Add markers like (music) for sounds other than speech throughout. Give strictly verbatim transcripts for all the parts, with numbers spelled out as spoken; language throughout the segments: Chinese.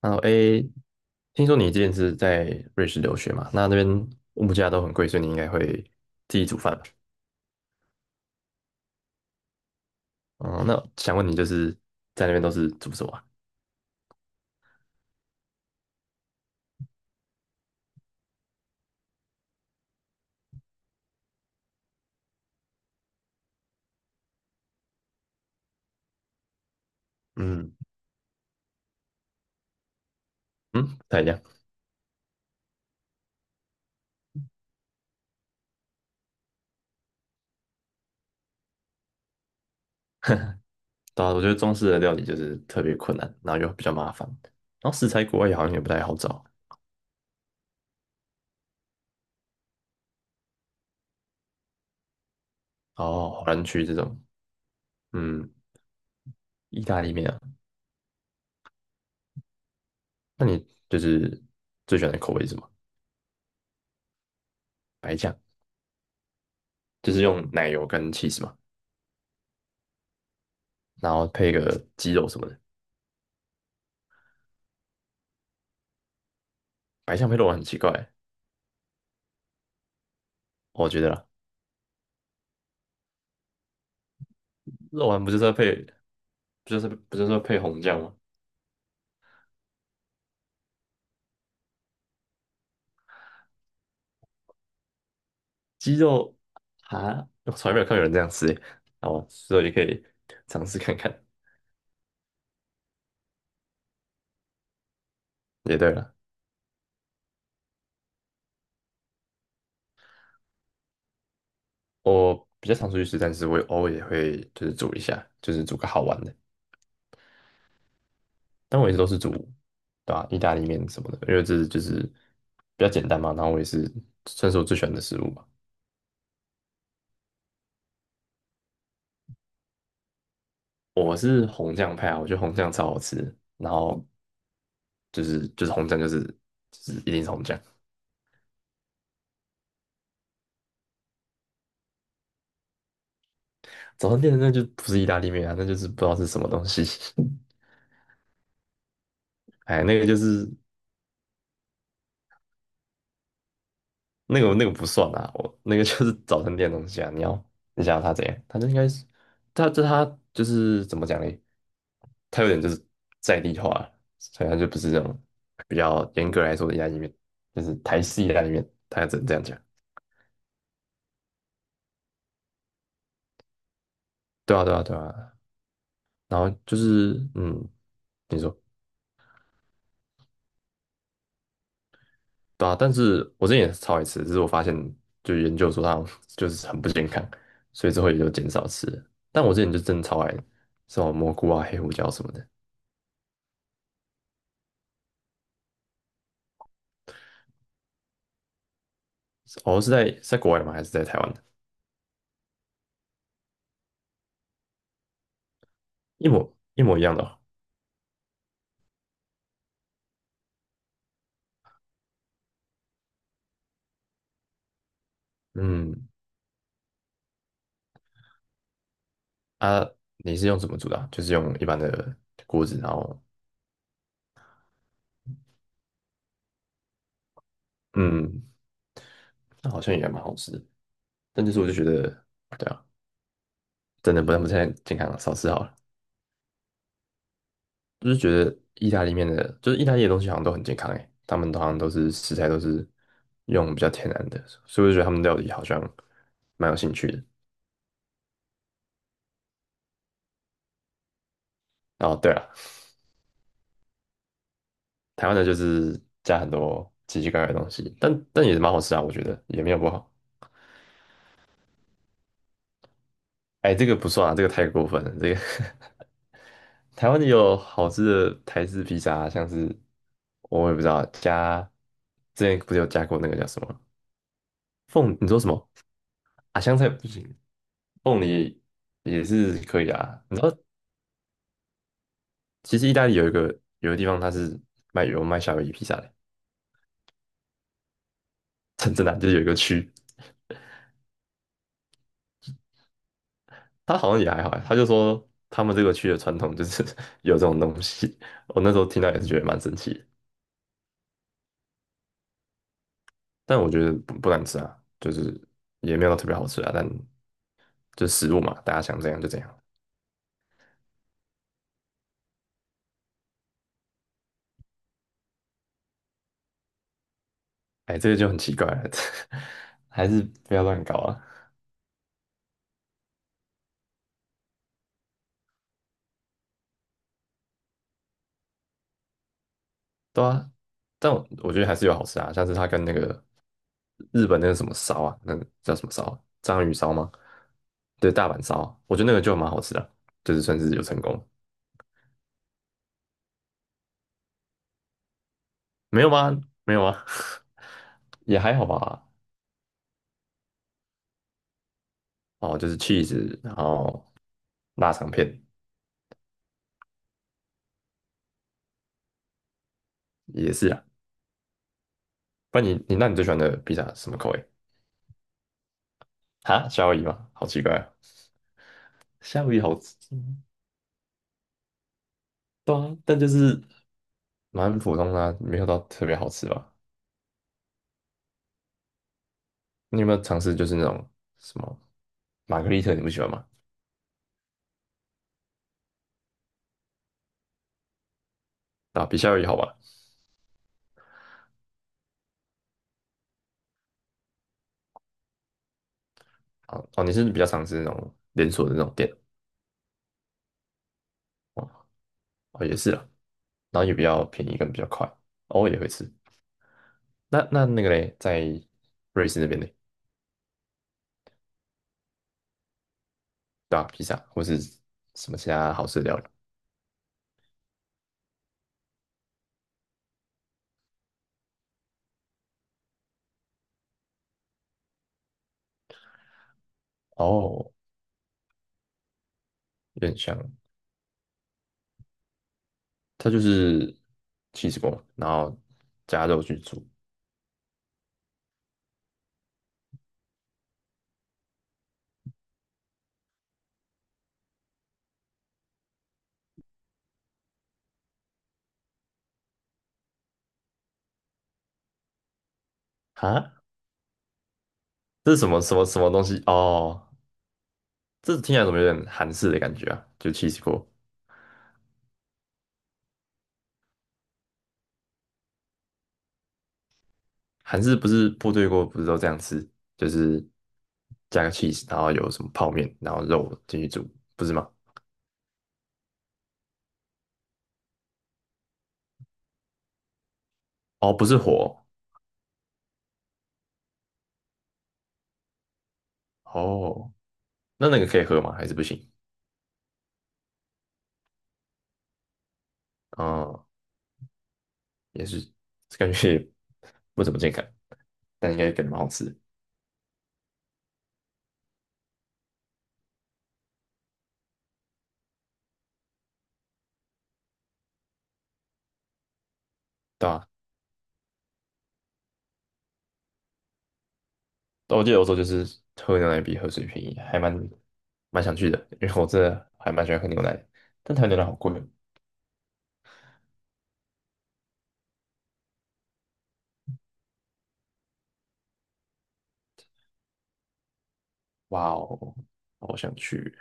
然后 a 听说你之前是在瑞士留学嘛？那那边物价都很贵，所以你应该会自己煮饭吧？哦，那想问你，就是在那边都是煮什么啊？嗯嗯，不太一样。对啊，我觉得中式的料理就是特别困难，然后又比较麻烦，然后食材国外也好像也不太好找。哦，华人区这种，嗯，意大利面啊，那你就是最喜欢的口味是什么？白酱，就是用奶油跟 cheese 嘛，然后配个鸡肉什么的。白酱配肉很奇怪，我觉得啦。肉丸不就是要配，不就是不就是要配红酱吗？鸡肉啊，我从来没有看有人这样吃耶。哦，所以你可以尝试看看。也对了。我比较常出去吃，但是我偶尔也会就是煮一下，就是煮个好玩的。但我一直都是煮，对吧、意大利面什么的，因为这是就是比较简单嘛。然后我也是算是我最喜欢的食物吧。我是红酱派啊，我觉得红酱超好吃。然后就是就是红酱就是就是一定是红酱。早餐店的那就不是意大利面啊，那就是不知道是什么东西。(laughs) 哎，那个就是那个那个不算啊，我那个就是早餐店的东西啊。你要你想要它怎样？它就应该是，它这它就是怎么讲嘞？它有点就是在地化了，所以它就不是这种比较严格来说的意大利面，就是台式意大利面，它只能这样讲。对啊，对啊，对啊。然后就是嗯，你说。对啊，但是我之前也是超爱吃，只是我发现就研究说它好像就是很不健康，所以之后也就减少吃了。但我之前就真的超爱什么蘑菇啊、黑胡椒什么的。哦，是在是在国外吗？还是在台湾的？一模一模一样的哦。嗯。啊，你是用什么煮的啊，就是用一般的锅子，然后嗯，那好像也蛮好吃的。但就是我就觉得，对啊，真的不能不太健康了，少吃好了。意大利面的，就是意大利的东西好像都很健康诶，他们好像都是食材都是用比较天然的，所以我就觉得他们料理好像蛮有兴趣的。哦。对了，台湾的就是加很多奇奇怪怪的东西，但但也是蛮好吃啊，我觉得也没有不好。哎，这个不算啊，这个太过分了。这个 (laughs) 台湾的有好吃的台式披萨啊，像是我也不知道加之前不是有加过那个叫什么凤，你说什么啊？香菜不行，凤梨也是可以啊。你知道其实意大利有一个有个地方，它是卖有卖夏威夷披萨的，真真的啊，就是有一个区，它好像也还好啊，他就说他们这个区的传统就是 (laughs) 有这种东西。我那时候听到也是觉得蛮神奇的。但我觉得不不难吃啊，就是也没有特别好吃啊，但就食物嘛，大家想怎样就怎样。哎，这个就很奇怪了，(laughs) 还是不要乱搞啊。对啊，但我我觉得还是有好吃啊，像是它跟那个日本那个什么烧啊，那个叫什么烧啊？章鱼烧吗？对，大阪烧啊，我觉得那个就蛮好吃的，就是算是有成功。没有吗？没有啊，(laughs) 也还好吧。哦，就是 cheese,然后腊肠片也是啊。不然你你那你最喜欢的披萨是什么口味？啊，夏威夷吗？好奇怪啊。夏威夷好吃，嗯。对啊，但就是蛮普通的啊，没有到特别好吃吧。你有没有尝试就是那种什么玛格丽特？你不喜欢吗？啊，比夏威夷好吧。啊，哦，你是比较尝试那种连锁的那种店。哦，也是啦，然后也比较便宜跟比较快。偶尔也会吃。那那那个嘞，在瑞士那边嘞，对吧、披萨或是什么其他好吃的料理？哦，有点像，它就是 c h e e 起司锅，然后加肉去煮。哈，这是什么什么什么东西？哦，这听起来怎么有点韩式的感觉啊？就 c h e e 起司锅。韩式不是部队锅，不是都这样吃，就是加个 cheese,然后有什么泡面，然后肉进去煮，不是吗？哦，不是火。哦，那那个可以喝吗？还是不行？哦，也是，感觉也不怎么健康，但应该感觉蛮好吃的。对吧、但我记得欧洲就是喝牛奶比喝水便宜，还蛮蛮想去的，因为我真的还蛮喜欢喝牛奶的，但台湾牛奶好贵哦。哇哦，好想去。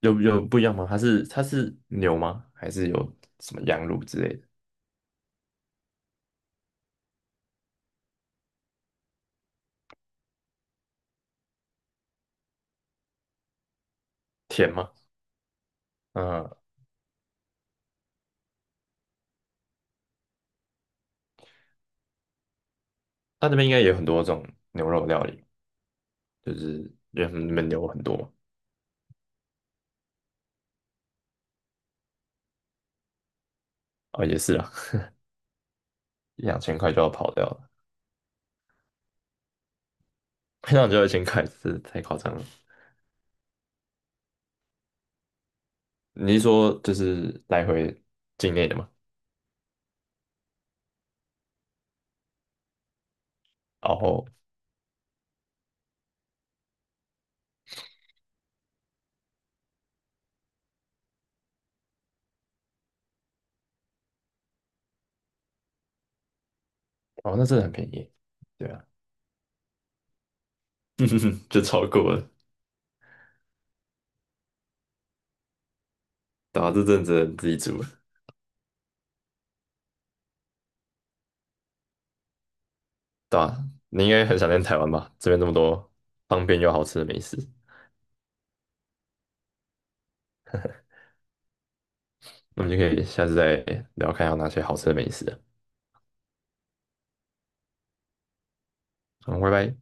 有有不一样吗？它是它是牛吗？还是有什么羊乳之类的？甜吗？嗯，它那边应该也有很多这种牛肉料理，就是因为他们那边牛很多嘛。哦，也是啊，(laughs) 一两千块就要跑掉了，(laughs) 一两千块就一千块，这太夸张了。你是说就是来回境内的吗？然后哦，那真的很便宜。对啊，(laughs) 就超过了。对啊，这阵子自己煮了。对啊，你应该很想念台湾吧？这边这么多方便又好吃的美食。那我们就可以下次再聊，看有哪些好吃的美食了。好，拜拜。